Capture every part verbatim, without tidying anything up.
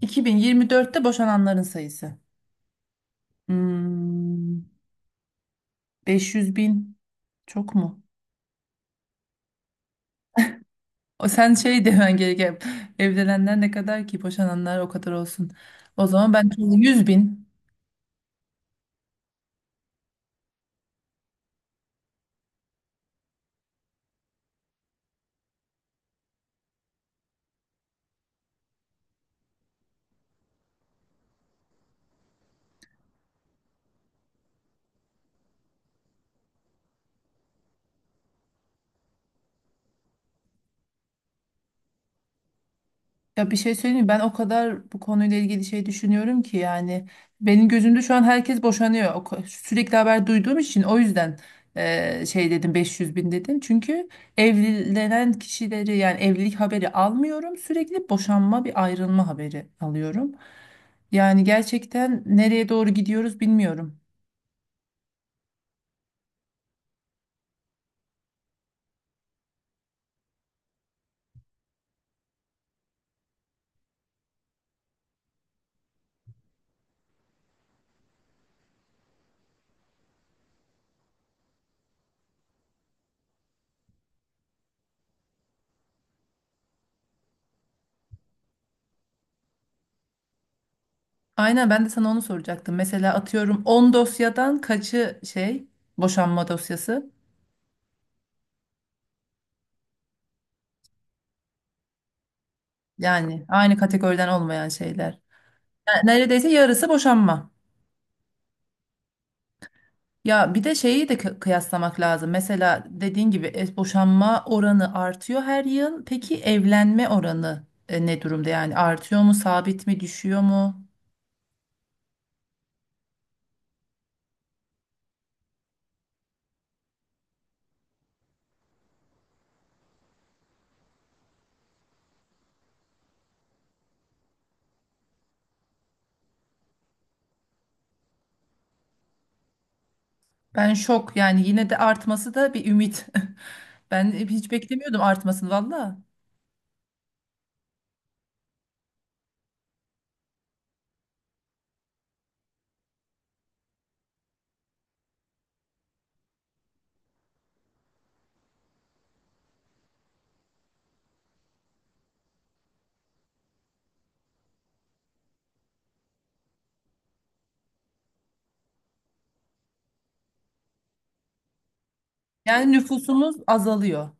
iki bin yirmi dörtte boşananların sayısı. Hmm, beş yüz bin çok mu? O sen şey demen gereken evlenenler ne kadar ki boşananlar o kadar olsun. O zaman ben yüz bin. Ya bir şey söyleyeyim mi? Ben o kadar bu konuyla ilgili şey düşünüyorum ki yani benim gözümde şu an herkes boşanıyor. O ko- Sürekli haber duyduğum için o yüzden eee, şey dedim beş yüz bin dedim. Çünkü evlenen kişileri yani evlilik haberi almıyorum. Sürekli boşanma bir ayrılma haberi alıyorum. Yani gerçekten nereye doğru gidiyoruz bilmiyorum. Aynen, ben de sana onu soracaktım. Mesela atıyorum on dosyadan kaçı şey boşanma dosyası? Yani aynı kategoriden olmayan şeyler. Yani Neredeyse yarısı boşanma. Ya bir de şeyi de kı- kıyaslamak lazım. Mesela dediğin gibi e, boşanma oranı artıyor her yıl. Peki evlenme oranı e, ne durumda? Yani artıyor mu, sabit mi, düşüyor mu? Ben şok. Yani yine de artması da bir ümit. Ben hiç beklemiyordum artmasını valla. Yani nüfusumuz azalıyor.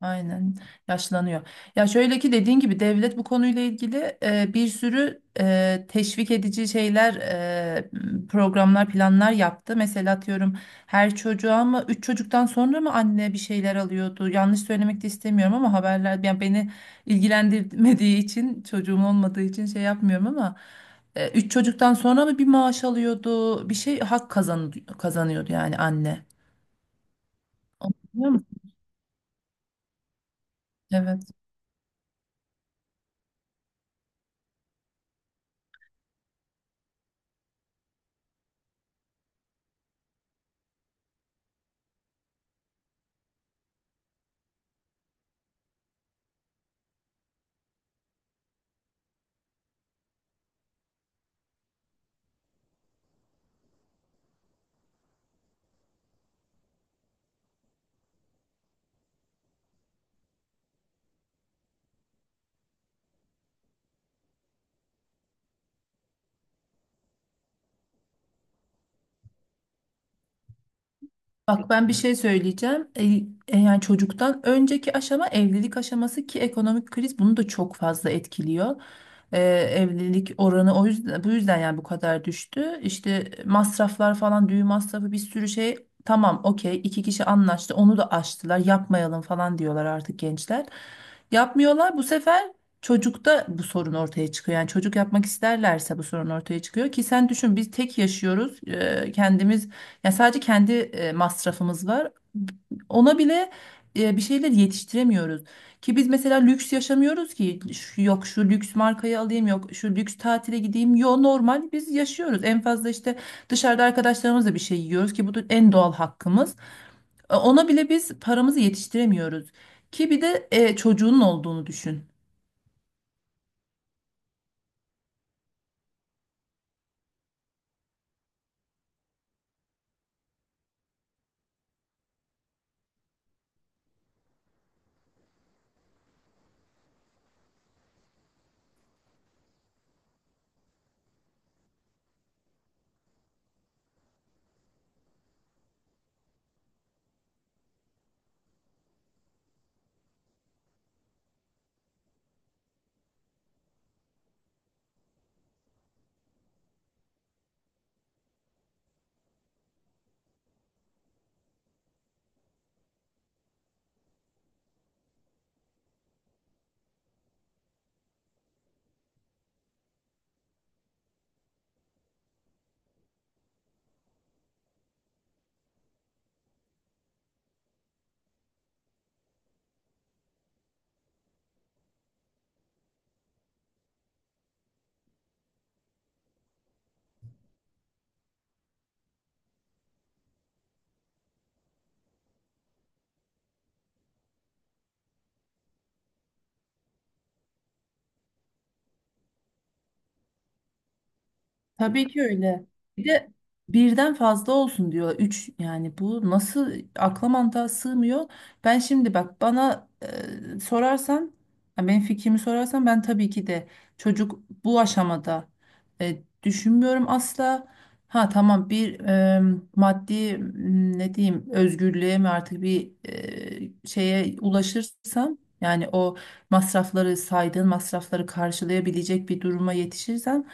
Aynen, yaşlanıyor. Ya şöyle ki, dediğin gibi devlet bu konuyla ilgili e, bir sürü e, teşvik edici şeyler, e, programlar, planlar yaptı. Mesela atıyorum, her çocuğa mı, üç çocuktan sonra mı anne bir şeyler alıyordu? Yanlış söylemek de istemiyorum ama haberler yani beni ilgilendirmediği için, çocuğum olmadığı için şey yapmıyorum ama e, üç çocuktan sonra mı bir maaş alıyordu? Bir şey hak kazan kazanıyordu yani anne. Onu Biliyor musun? Evet. Bak, ben bir şey söyleyeceğim. E, e, yani çocuktan önceki aşama evlilik aşaması ki ekonomik kriz bunu da çok fazla etkiliyor. E, evlilik oranı o yüzden, bu yüzden yani bu kadar düştü. İşte masraflar falan, düğün masrafı, bir sürü şey. Tamam okey, iki kişi anlaştı, onu da aştılar, yapmayalım falan diyorlar artık gençler. Yapmıyorlar, bu sefer çocukta bu sorun ortaya çıkıyor. Yani çocuk yapmak isterlerse bu sorun ortaya çıkıyor ki sen düşün, biz tek yaşıyoruz. E, kendimiz yani, sadece kendi e, masrafımız var. Ona bile e, bir şeyler yetiştiremiyoruz. Ki biz mesela lüks yaşamıyoruz ki, Şu- yok şu lüks markayı alayım, yok şu lüks tatile gideyim. Yo, normal biz yaşıyoruz. En fazla işte dışarıda arkadaşlarımızla bir şey yiyoruz ki bu da en doğal hakkımız. E, Ona bile biz paramızı yetiştiremiyoruz. Ki bir de e, çocuğunun olduğunu düşün. Tabii ki öyle. Bir de birden fazla olsun diyor. Üç, yani bu nasıl, akla mantığa sığmıyor. Ben şimdi bak, bana e, sorarsan, yani benim fikrimi sorarsan ben tabii ki de çocuk bu aşamada e, düşünmüyorum asla. Ha tamam, bir e, maddi m, ne diyeyim, özgürlüğe mi artık, bir e, şeye ulaşırsam, yani o masrafları, saydığın masrafları karşılayabilecek bir duruma yetişirsem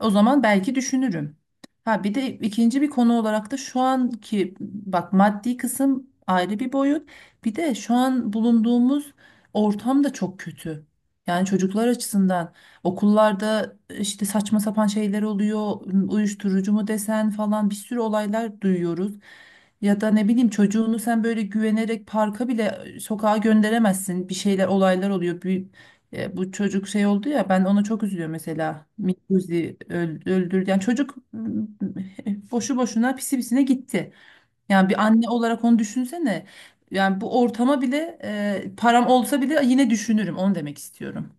o zaman belki düşünürüm. Ha bir de ikinci bir konu olarak da şu anki, bak, maddi kısım ayrı bir boyut. Bir de şu an bulunduğumuz ortam da çok kötü. Yani çocuklar açısından okullarda işte saçma sapan şeyler oluyor. Uyuşturucu mu desen falan, bir sürü olaylar duyuyoruz. Ya da ne bileyim, çocuğunu sen böyle güvenerek parka bile, sokağa gönderemezsin. Bir şeyler, olaylar oluyor. E, bu çocuk şey oldu ya, ben ona çok üzülüyorum mesela. Mikuzi öl- öldürdü. Yani çocuk m, boşu boşuna, pisi pisine gitti. Yani bir anne olarak onu düşünsene. Yani bu ortama bile e, param olsa bile yine düşünürüm. Onu demek istiyorum.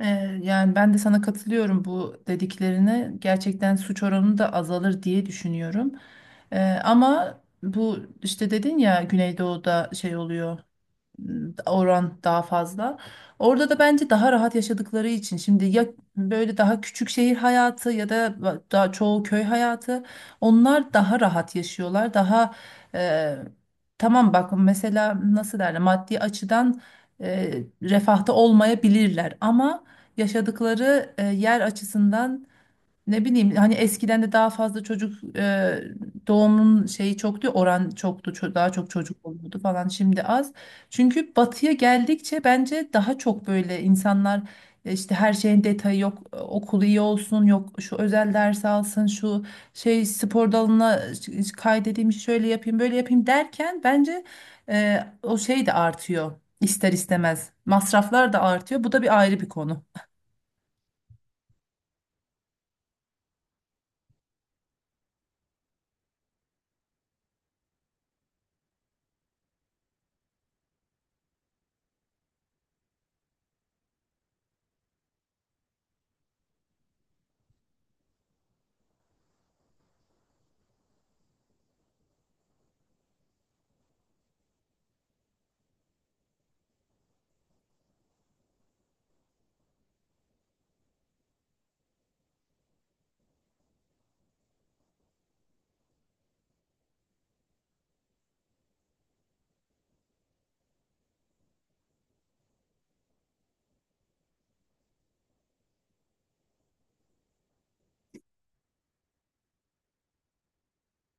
E, yani ben de sana katılıyorum bu dediklerine. Gerçekten suç oranı da azalır diye düşünüyorum. E, ama bu, işte dedin ya, Güneydoğu'da şey oluyor, oran daha fazla. Orada da bence daha rahat yaşadıkları için, şimdi ya böyle daha küçük şehir hayatı ya da daha çoğu köy hayatı, onlar daha rahat yaşıyorlar. Daha e, tamam, bak, mesela nasıl derler, maddi açıdan e, refahta olmayabilirler ama yaşadıkları e, yer açısından, ne bileyim, hani eskiden de daha fazla çocuk e, doğumun şeyi çoktu, oran çoktu, ço- daha çok çocuk oluyordu falan, şimdi az. Çünkü batıya geldikçe bence daha çok böyle insanlar e, işte her şeyin detayı, yok e, okul iyi olsun, yok şu özel ders alsın, şu şey spor dalına e, kaydedeyim, şöyle yapayım, böyle yapayım derken bence e, o şey de artıyor, ister istemez masraflar da artıyor, bu da bir ayrı bir konu.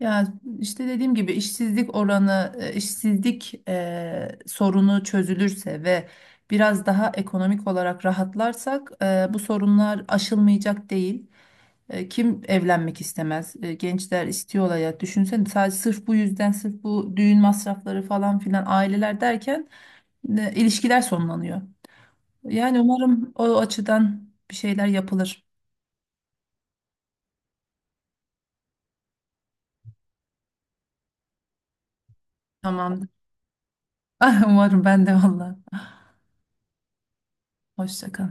Ya işte dediğim gibi, işsizlik oranı, e, işsizlik e, sorunu çözülürse ve biraz daha ekonomik olarak rahatlarsak e, bu sorunlar aşılmayacak değil. E, kim evlenmek istemez? E, gençler istiyor hayat. Düşünsene, sadece sırf bu yüzden, sırf bu düğün masrafları falan filan, aileler derken e, ilişkiler sonlanıyor. Yani umarım o açıdan bir şeyler yapılır. Tamamdır. Umarım ben de valla. Hoşça kal.